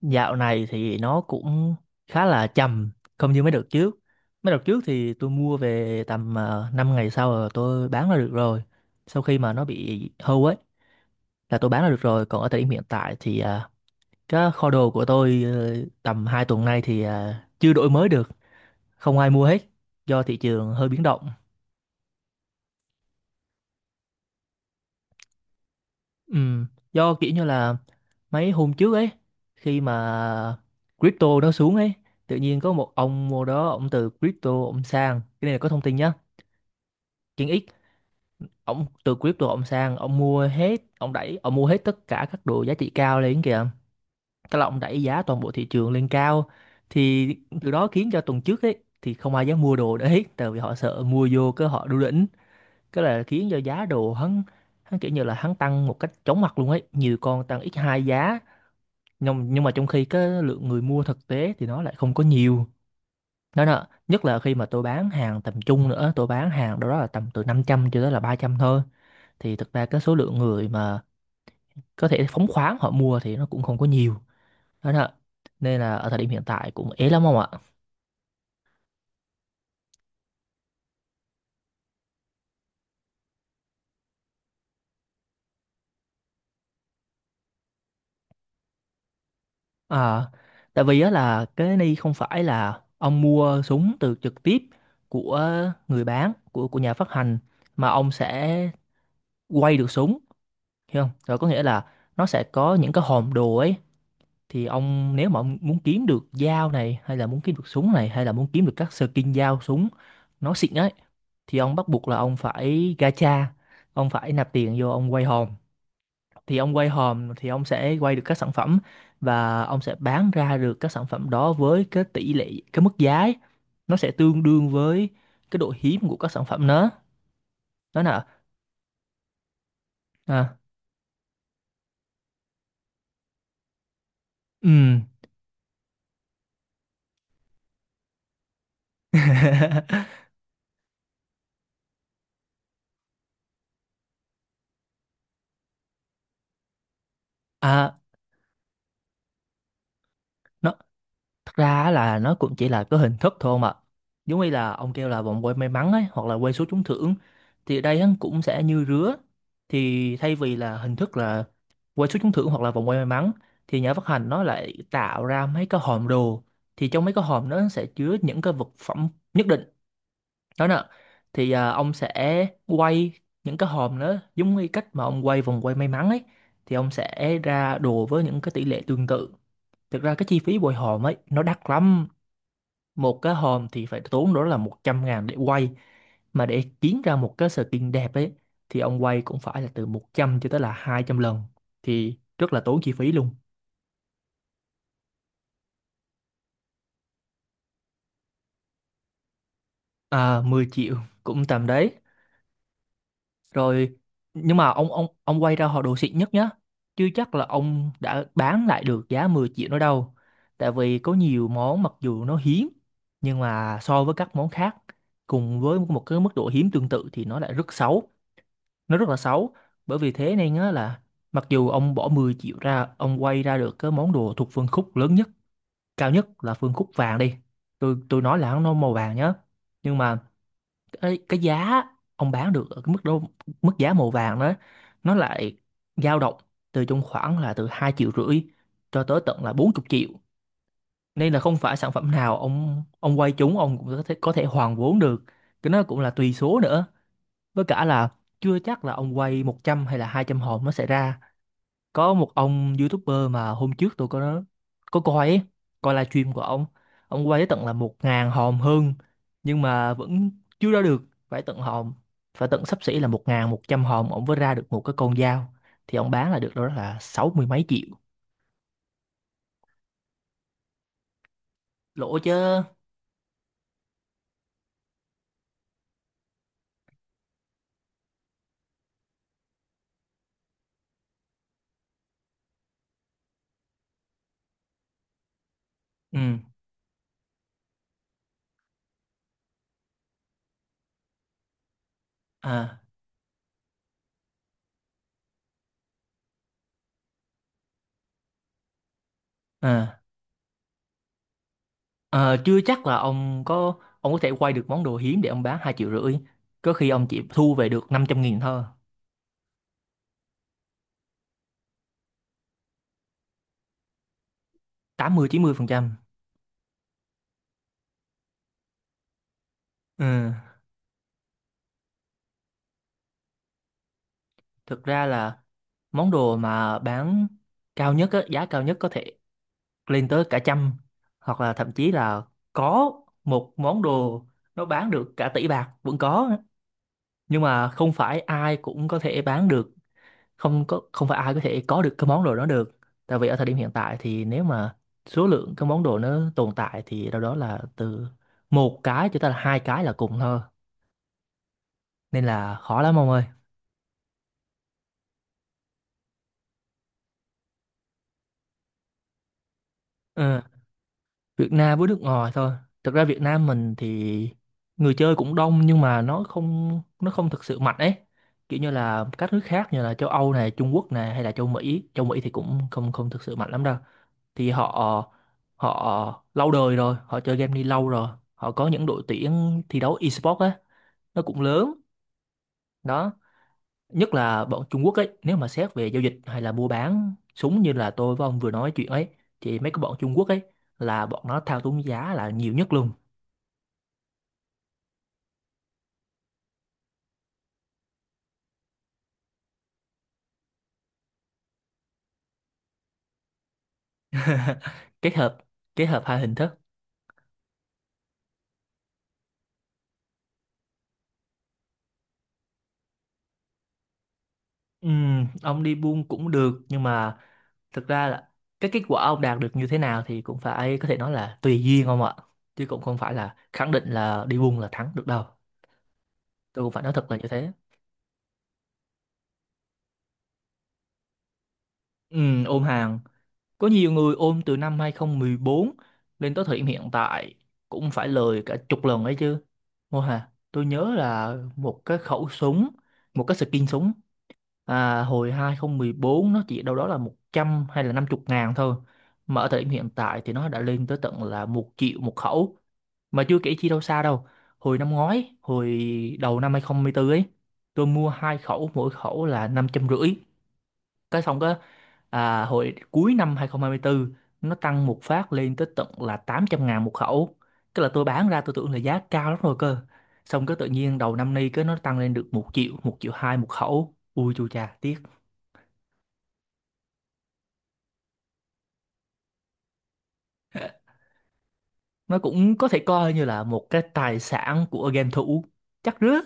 Dạo này thì nó cũng khá là chậm, không như mấy đợt trước. Mấy đợt trước thì tôi mua về tầm 5 ngày sau là tôi bán là được rồi. Sau khi mà nó bị hư ấy là tôi bán là được rồi. Còn ở thời điểm hiện tại thì cái kho đồ của tôi tầm 2 tuần nay thì chưa đổi mới được, không ai mua hết do thị trường hơi biến động. Ừ, do kiểu như là mấy hôm trước ấy khi mà crypto nó xuống ấy, tự nhiên có một ông mua đó, ông từ crypto ông sang cái này là có thông tin nhá. Chuyện ít, ông từ crypto ông sang ông mua hết, ông đẩy ông mua hết tất cả các đồ giá trị cao lên kìa, tức là ông đẩy giá toàn bộ thị trường lên cao thì từ đó khiến cho tuần trước ấy thì không ai dám mua đồ đấy tại vì họ sợ mua vô cái họ đu đỉnh, cái là khiến cho giá đồ hắn, hắn kiểu như là hắn tăng một cách chóng mặt luôn ấy, nhiều con tăng x hai giá, nhưng mà trong khi cái lượng người mua thực tế thì nó lại không có nhiều đó nè, nhất là khi mà tôi bán hàng tầm trung nữa, tôi bán hàng đâu đó là tầm từ 500 cho tới là 300 thôi thì thực ra cái số lượng người mà có thể phóng khoáng họ mua thì nó cũng không có nhiều đó nè, nên là ở thời điểm hiện tại cũng ế lắm ông ạ. À, tại vì á là cái này không phải là ông mua súng từ trực tiếp của người bán, của nhà phát hành, mà ông sẽ quay được súng, hiểu không, rồi có nghĩa là nó sẽ có những cái hòm đồ ấy thì ông, nếu mà ông muốn kiếm được dao này hay là muốn kiếm được súng này hay là muốn kiếm được các skin dao súng nó xịn ấy thì ông bắt buộc là ông phải gacha, ông phải nạp tiền vô ông quay hòm, thì ông quay hòm thì ông sẽ quay được các sản phẩm và ông sẽ bán ra được các sản phẩm đó với cái tỷ lệ, cái mức giá ấy. Nó sẽ tương đương với cái độ hiếm của các sản phẩm đó, đó là. À, ừ. à nó Thật ra á là nó cũng chỉ là cái hình thức thôi mà. Giống như là ông kêu là vòng quay may mắn ấy, hoặc là quay số trúng thưởng. Thì ở đây á, cũng sẽ như rứa. Thì thay vì là hình thức là quay số trúng thưởng hoặc là vòng quay may mắn, thì nhà phát hành nó lại tạo ra mấy cái hòm đồ. Thì trong mấy cái hòm đó nó sẽ chứa những cái vật phẩm nhất định. Đó nè. Thì à, ông sẽ quay những cái hòm đó giống như cách mà ông quay vòng quay may mắn ấy. Thì ông sẽ ra đồ với những cái tỷ lệ tương tự. Thực ra cái chi phí bồi hòm ấy nó đắt lắm, một cái hòm thì phải tốn đó là 100 ngàn để quay, mà để kiếm ra một cái skin đẹp ấy thì ông quay cũng phải là từ 100 cho tới là 200 lần, thì rất là tốn chi phí luôn. À, 10 triệu cũng tầm đấy rồi, nhưng mà ông quay ra họ đồ xịn nhất nhá, chứ chắc là ông đã bán lại được giá 10 triệu nó đâu, tại vì có nhiều món mặc dù nó hiếm nhưng mà so với các món khác cùng với một cái mức độ hiếm tương tự thì nó lại rất xấu, nó rất là xấu, bởi vì thế nên á là mặc dù ông bỏ 10 triệu ra ông quay ra được cái món đồ thuộc phân khúc lớn nhất, cao nhất là phân khúc vàng đi, tôi nói là nó màu vàng nhá, nhưng mà cái giá ông bán được ở cái mức đó, mức giá màu vàng đó, nó lại dao động từ trong khoảng là từ 2,5 triệu cho tới tận là 40 triệu, nên là không phải sản phẩm nào ông quay trúng ông cũng có thể hoàn vốn được, cái nó cũng là tùy số nữa, với cả là chưa chắc là ông quay 100 hay là 200 hồn nó sẽ ra. Có một ông YouTuber mà hôm trước tôi có coi ấy, coi livestream của ông. Ông quay tới tận là 1.000 hồn hơn nhưng mà vẫn chưa ra được. Phải tận hồn, phải tận xấp xỉ là 1.100 hồn ông mới ra được một cái con dao. Thì ông bán là được đâu đó là 60 mấy triệu. Lỗ chứ. Ừ. À, à, à, chưa chắc là ông có thể quay được món đồ hiếm để ông bán 2,5 triệu. Có khi ông chỉ thu về được 500 nghìn thôi. 80-90%. Ừ. Thực ra là món đồ mà bán cao nhất á, giá cao nhất có thể lên tới cả trăm, hoặc là thậm chí là có một món đồ nó bán được cả tỷ bạc vẫn có, nhưng mà không phải ai cũng có thể bán được, không phải ai có thể có được cái món đồ đó được, tại vì ở thời điểm hiện tại thì nếu mà số lượng cái món đồ nó tồn tại thì đâu đó là từ một cái cho tới là hai cái là cùng thôi, nên là khó lắm ông ơi. Việt Nam với nước ngoài thôi. Thực ra Việt Nam mình thì người chơi cũng đông nhưng mà nó không thực sự mạnh ấy. Kiểu như là các nước khác như là châu Âu này, Trung Quốc này hay là châu Mỹ thì cũng không không thực sự mạnh lắm đâu. Thì họ họ lâu đời rồi, họ chơi game đi lâu rồi. Họ có những đội tuyển thi đấu esports á, nó cũng lớn. Đó, nhất là bọn Trung Quốc ấy, nếu mà xét về giao dịch hay là mua bán súng như là tôi với ông vừa nói chuyện ấy thì mấy cái bọn Trung Quốc ấy là bọn nó thao túng giá là nhiều nhất luôn. Kết hợp, kết hợp hai hình thức. Ông đi buôn cũng được nhưng mà thực ra là cái kết quả ông đạt được như thế nào thì cũng phải, có thể nói là tùy duyên ông ạ, chứ cũng không phải là khẳng định là đi buôn là thắng được đâu, tôi cũng phải nói thật là như thế. Ôm hàng, có nhiều người ôm từ năm 2014 lên tới thời điểm hiện tại cũng phải lời cả chục lần ấy chứ. Mô Hà tôi nhớ là một cái khẩu súng, một cái skin súng à, hồi 2014 nó chỉ đâu đó là 100 hay là 50 ngàn thôi, mà ở thời điểm hiện tại thì nó đã lên tới tận là 1 triệu một khẩu, mà chưa kể chi đâu xa đâu, hồi năm ngoái hồi đầu năm 2024 ấy tôi mua 2 khẩu mỗi khẩu là 550, cái xong cái à, hồi cuối năm 2024 nó tăng một phát lên tới tận là 800 ngàn một khẩu, cái là tôi bán ra tôi tưởng là giá cao lắm rồi cơ, xong cái tự nhiên đầu năm nay cái nó tăng lên được 1 triệu, 1 triệu 2 một khẩu, ui chu cha tiếc. Nó cũng có thể coi như là một cái tài sản của game thủ chắc rớt.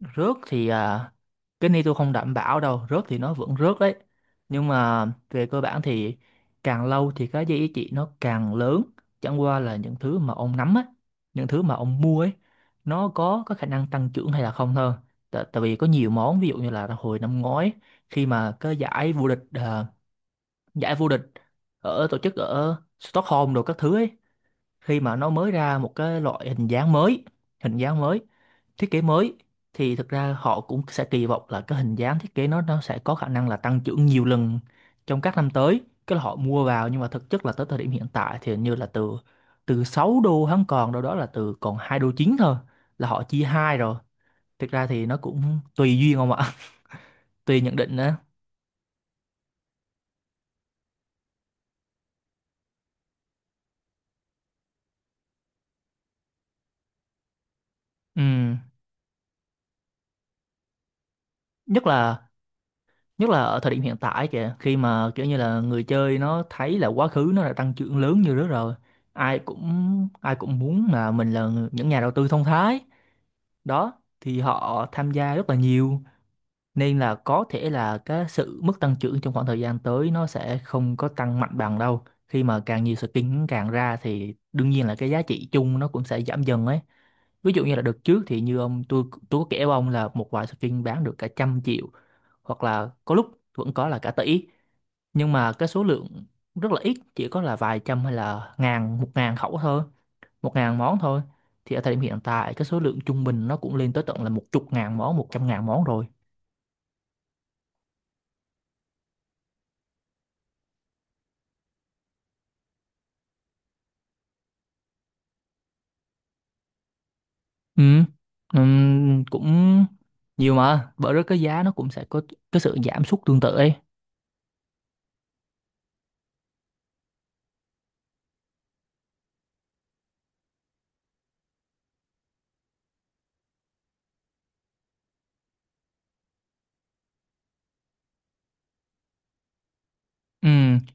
Rớt thì à, cái này tôi không đảm bảo đâu, rớt thì nó vẫn rớt đấy nhưng mà về cơ bản thì càng lâu thì cái giá trị nó càng lớn, chẳng qua là những thứ mà ông nắm á, những thứ mà ông mua ấy nó có khả năng tăng trưởng hay là không thôi, tại vì có nhiều món ví dụ như là hồi năm ngoái khi mà cái giải vô địch à, giải vô địch ở tổ chức ở Stockholm đồ các thứ ấy, khi mà nó mới ra một cái loại hình dáng mới, hình dáng mới thiết kế mới thì thực ra họ cũng sẽ kỳ vọng là cái hình dáng thiết kế nó sẽ có khả năng là tăng trưởng nhiều lần trong các năm tới, cái là họ mua vào nhưng mà thực chất là tới thời điểm hiện tại thì hình như là từ từ 6 đô hắn còn đâu đó là từ còn 2 đô chín thôi Là họ chia hai rồi. Thực ra thì nó cũng tùy duyên không ạ. Tùy nhận định nữa. Ừ. nhất là Nhất là ở thời điểm hiện tại kìa, khi mà kiểu như là người chơi nó thấy là quá khứ nó đã tăng trưởng lớn như đó rồi. ai cũng Ai cũng muốn là mình là những nhà đầu tư thông thái đó, thì họ tham gia rất là nhiều. Nên là có thể là cái sự mức tăng trưởng trong khoảng thời gian tới nó sẽ không có tăng mạnh bằng đâu, khi mà càng nhiều skin càng ra thì đương nhiên là cái giá trị chung nó cũng sẽ giảm dần ấy. Ví dụ như là đợt trước thì như ông, tôi có kể với ông là một vài skin bán được cả trăm triệu, hoặc là có lúc vẫn có là cả tỷ. Nhưng mà cái số lượng rất là ít, chỉ có là vài trăm hay là ngàn, 1.000 khẩu thôi, 1.000 món thôi. Thì ở thời điểm hiện tại cái số lượng trung bình nó cũng lên tới tận là 10.000 món, 100.000 món rồi. Ừ. Cũng nhiều mà bởi đó cái giá nó cũng sẽ có cái sự giảm sút tương tự ấy. Ừ,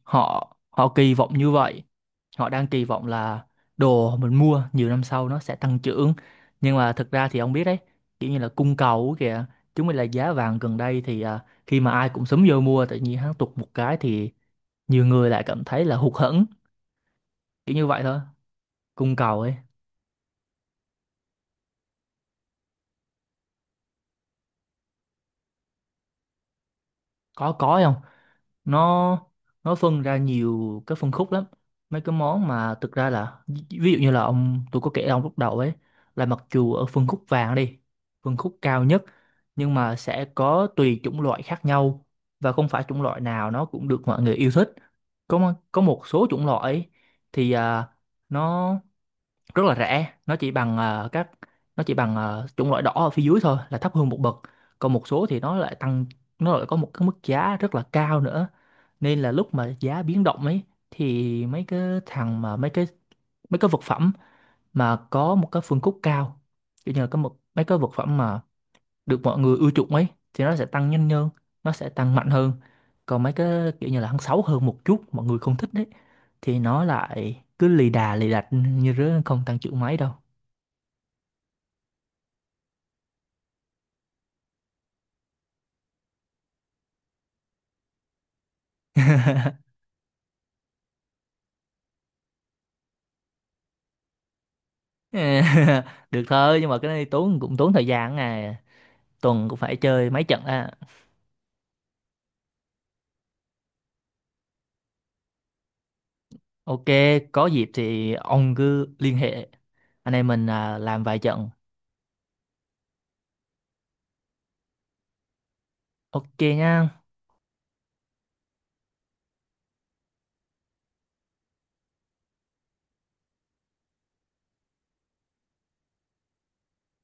họ họ kỳ vọng như vậy. Họ đang kỳ vọng là đồ mình mua nhiều năm sau nó sẽ tăng trưởng. Nhưng mà thực ra thì ông biết đấy, kiểu như là cung cầu ấy kìa. Chúng mình là giá vàng gần đây thì khi mà ai cũng sớm vô mua tự nhiên hắn tụt một cái thì nhiều người lại cảm thấy là hụt hẫng, kiểu như vậy thôi. Cung cầu ấy, có không? nó nó phân ra nhiều cái phân khúc lắm. Mấy cái món mà thực ra là ví ví dụ như là ông, tôi có kể ông lúc đầu ấy, là mặc dù ở phân khúc vàng đi, phân khúc cao nhất, nhưng mà sẽ có tùy chủng loại khác nhau, và không phải chủng loại nào nó cũng được mọi người yêu thích. Có một số chủng loại ấy thì nó rất là rẻ, nó chỉ bằng chủng loại đỏ ở phía dưới thôi, là thấp hơn một bậc. Còn một số thì nó lại tăng, nó lại có một cái mức giá rất là cao nữa. Nên là lúc mà giá biến động ấy, thì thằng mà mấy cái mấy cái vật phẩm mà có một cái phân khúc cao, kiểu như là có một mấy cái vật phẩm mà được mọi người ưa chuộng ấy, thì nó sẽ tăng nhanh hơn, nó sẽ tăng mạnh hơn. Còn mấy cái kiểu như là hắn xấu hơn một chút mọi người không thích đấy, thì nó lại cứ lì đà lì đạch như rứa, không tăng trưởng mấy đâu. Được thôi, nhưng mà cái này tốn, cũng tốn thời gian à, tuần cũng phải chơi mấy trận à. Ok, có dịp thì ông cứ liên hệ, anh em mình à, làm vài trận. Ok nha.